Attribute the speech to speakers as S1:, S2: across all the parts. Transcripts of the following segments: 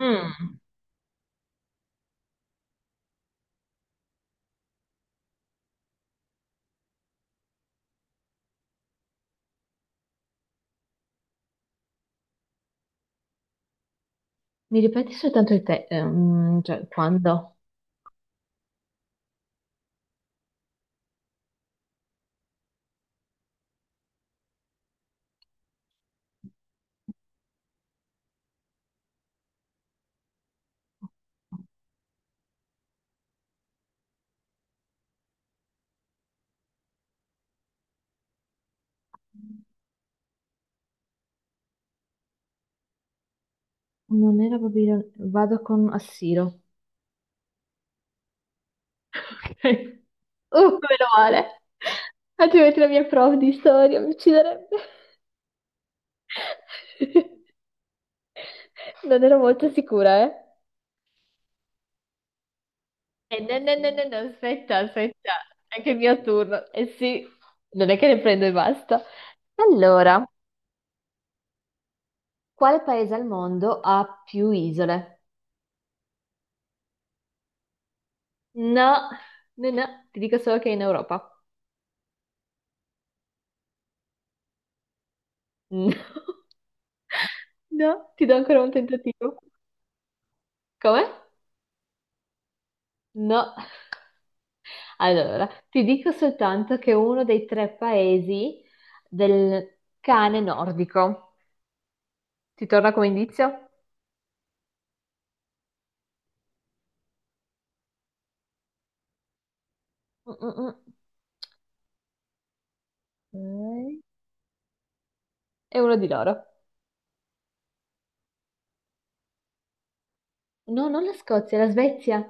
S1: Mm. Mi ripeti soltanto il te, cioè quando? Non era Babilonia, vado con Assiro. Ok. Meno male. Altrimenti la mia prof di storia mi ucciderebbe. Non ero molto sicura, eh? No, no, no, no, no, aspetta, aspetta. È anche il mio turno. Eh sì, non è che ne prendo e basta. Allora, quale paese al mondo ha più isole? No, no, no, ti dico solo che è in Europa. No. No, ti do ancora un tentativo. Come? No. Allora, ti dico soltanto che è uno dei tre paesi del cane nordico. Ti torna come indizio? Mm, mm, mm. Ok. È uno di loro. No, non la Scozia, la Svezia.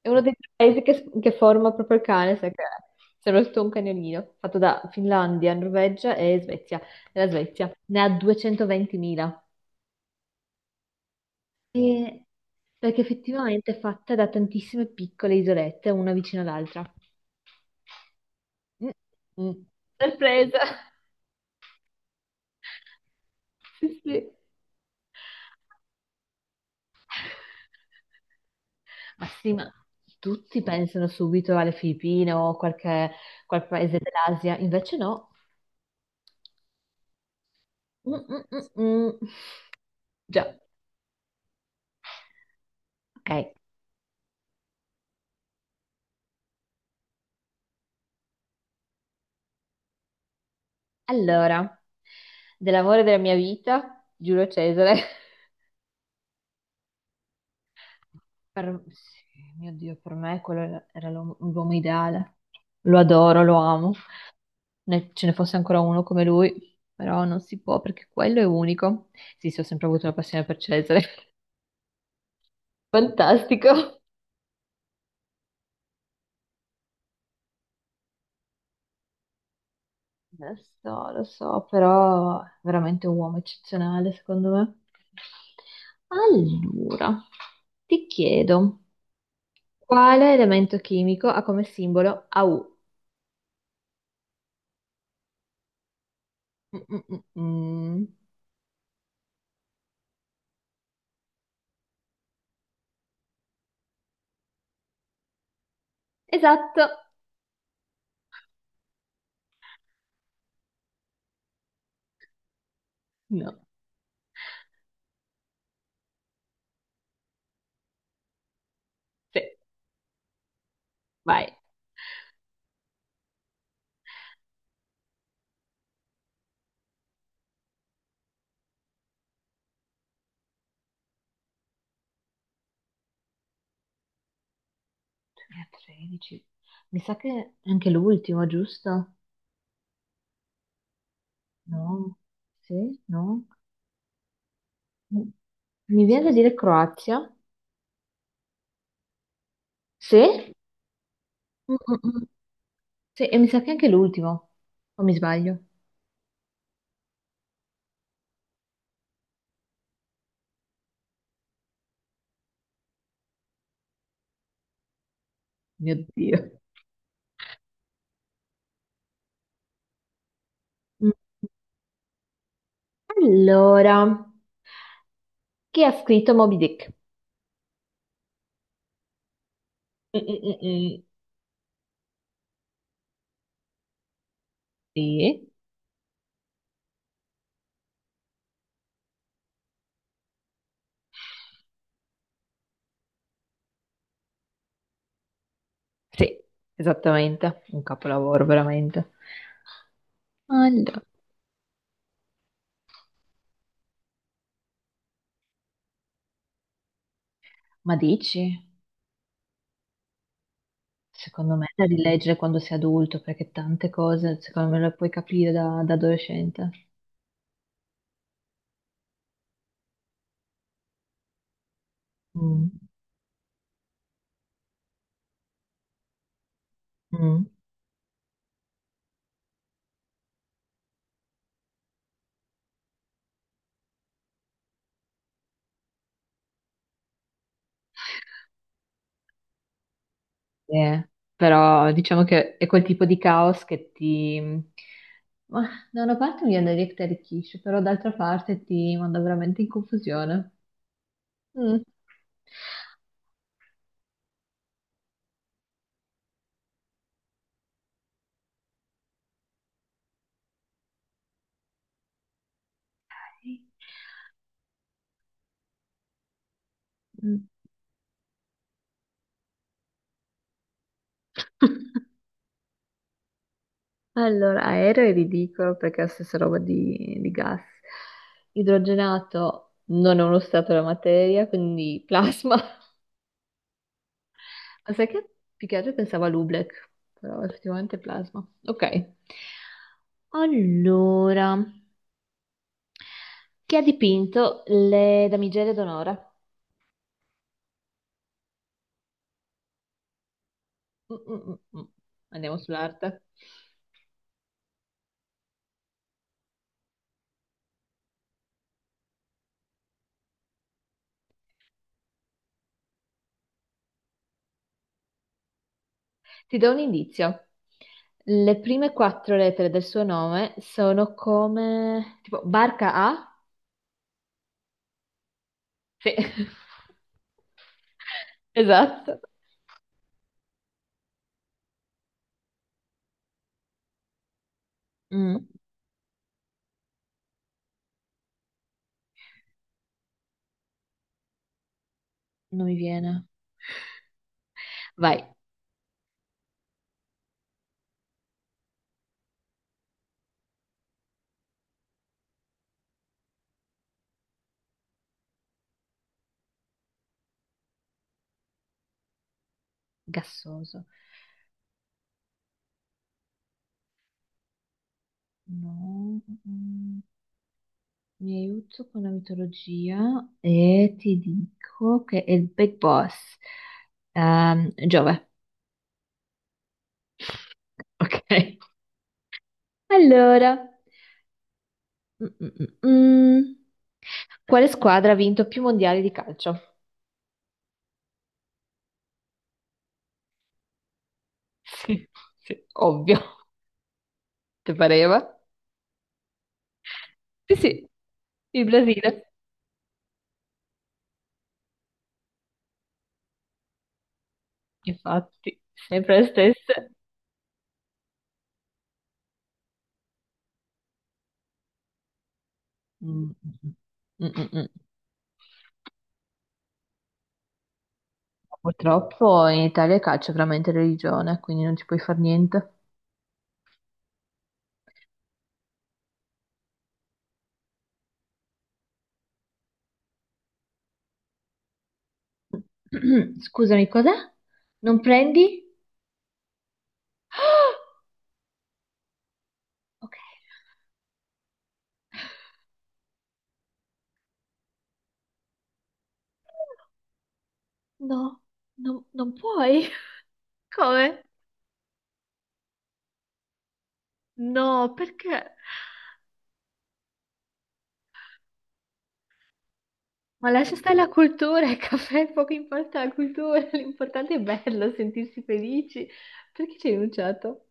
S1: È uno dei tre paesi che forma proprio il cane, sai che sembra tutto un cagnolino, fatto da Finlandia, Norvegia e Svezia. E la Svezia ne ha 220.000. E- Perché effettivamente è fatta da tantissime piccole isolette, una vicino all'altra. Mm, mm. Sorpresa! Sì, sì. Ma sì, ma tutti pensano subito alle Filippine o qual paese dell'Asia, invece no. Mm, mm, mm, mm. Già, ok. Allora, dell'amore della mia vita, Giulio Cesare. Sì, mio Dio, per me quello era l'uomo ideale. Lo adoro, lo amo. Ce ne fosse ancora uno come lui, però non si può perché quello è unico. Sì, sì, ho sempre avuto una passione per Cesare. Fantastico. Lo lo so, però è veramente un uomo eccezionale, secondo me. Allora, ti chiedo, quale elemento chimico ha come simbolo AU? Mm, mm, mm, mm. Esatto. No. Sì, vai. 13. Mi sa che è anche l'ultimo, giusto? No, sì, no. Mi viene da dire Croazia? Sì? Mm, mm, mm. Sì, e mi sa che anche l'ultimo, o mi sbaglio? Mio Dio. Mm. Allora, chi ha scritto Moby Dick? Mm, mm, mm, mm. Sì, sì, esattamente, un capolavoro veramente. Allora, ma dici? Secondo me è da rileggere quando sei adulto, perché tante cose, secondo me, le puoi capire da adolescente. Mm, mm. Eh, però diciamo che è quel tipo di caos che ti... Ma, da una parte mi viene da dire che ti arricchisce, però d'altra parte ti manda veramente in confusione. Mm. Mm. Allora, aereo è ridicolo perché è la stessa roba di gas. Idrogenato non è uno stato della materia, quindi plasma. Ma sai che più che altro pensavo a Lublek, però effettivamente è plasma. Ok. Allora. Chi ha dipinto le damigelle d'onore? Mm, mm, mm, mm. Andiamo sull'arte. Ti do un indizio. Le prime quattro lettere del suo nome sono come... Tipo, barca A? Sì, esatto. Mm, non mi viene. Vai, gassoso. No, mm, mm. Mi aiuto con la mitologia e ti dico che è il Big Boss. Giove. Ok. Allora, mm, mm, mm, mm. Quale squadra ha vinto più mondiali di calcio? Sì, sì, ovvio, ti pareva? Sì, sì, il Brasile. Infatti. Sempre le stesse. Mm, mm, mm, mm. Mm. Purtroppo in Italia il calcio è veramente religione, quindi non ci puoi fare niente. Scusami, cos'è? Non prendi? Ah, ok. No, non puoi. Come? No, perché? Ma lascia stare la cultura, il caffè, poco importa la cultura, l'importante è bello, sentirsi felici. Perché ci hai rinunciato?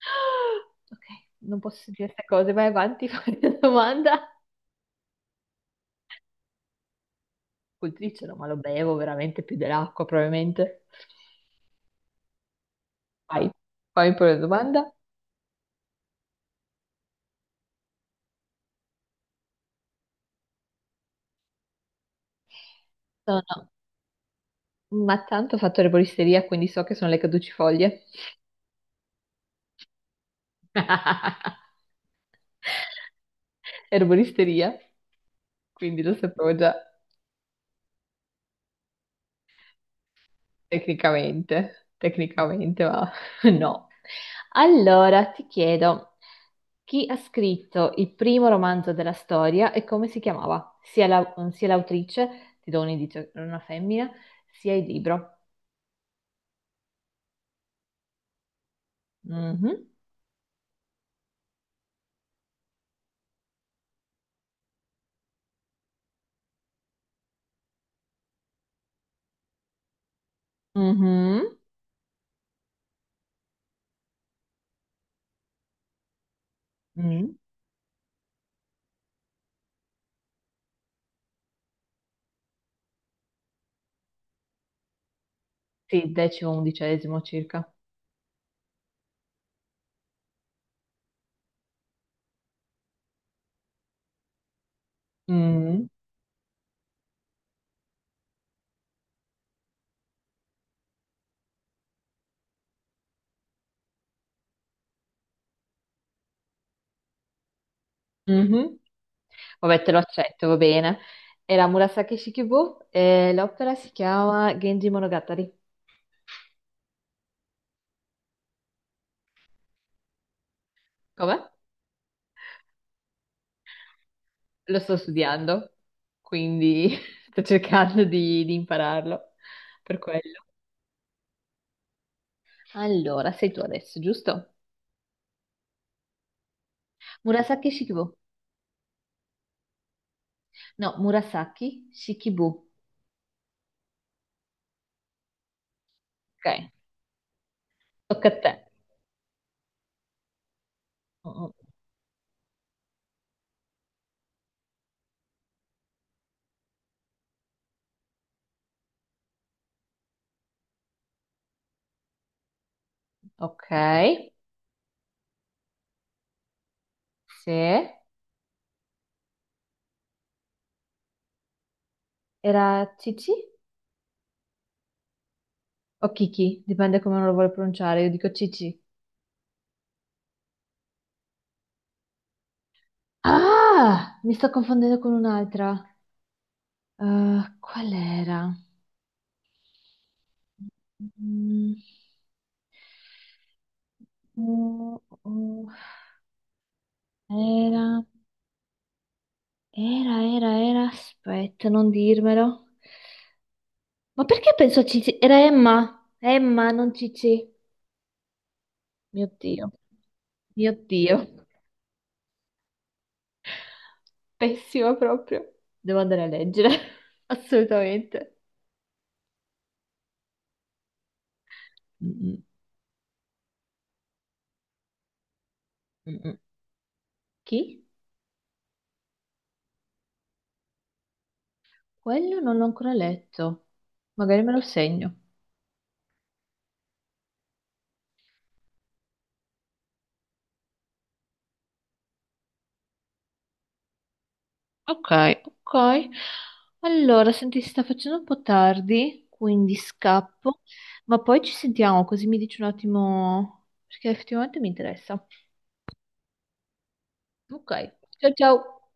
S1: Ok, non posso dire queste cose, vai avanti, fai la domanda. Coltricelo, ma lo bevo veramente più dell'acqua, probabilmente. Vai, fammi pure la domanda. No, no, ma tanto ho fatto erboristeria, quindi so che sono le caducifoglie. Erboristeria, quindi lo sapevo già tecnicamente, tecnicamente, ma no. Allora, ti chiedo, chi ha scritto il primo romanzo della storia e come si chiamava? Sia sia l'autrice, ti do un indizio, era una femmina, sia il libro. Mhm, mhm, mm. Sì, decimo, undicesimo circa. Mm, mhm. Vabbè, te lo accetto, va bene. Era Murasaki Shikibu e l'opera si chiama Genji Monogatari. Come? Lo sto studiando, quindi sto cercando di impararlo per quello. Allora, sei tu adesso, giusto? Murasaki Shikibu. No, Murasaki Shikibu. Ok, tocca a te. Mm, ok, se era Cici o Kiki, dipende come uno lo vuole pronunciare, io dico Cici. Ah, mi sto confondendo con un'altra. Qual era? Mm, mm, mm. Era, era, aspetta, non dirmelo. Ma perché penso a Cici? Era Emma. Emma, non Cici. Mio Dio, mio Dio. Pessima proprio. Devo andare a leggere. Assolutamente. Mm, mm, mm. Chi? Quello non l'ho ancora letto. Magari me lo segno. Ok, ok. Allora, senti, si sta facendo un po' tardi, quindi scappo. Ma poi ci sentiamo, così mi dici un attimo, perché effettivamente mi interessa. Ok, ciao ciao.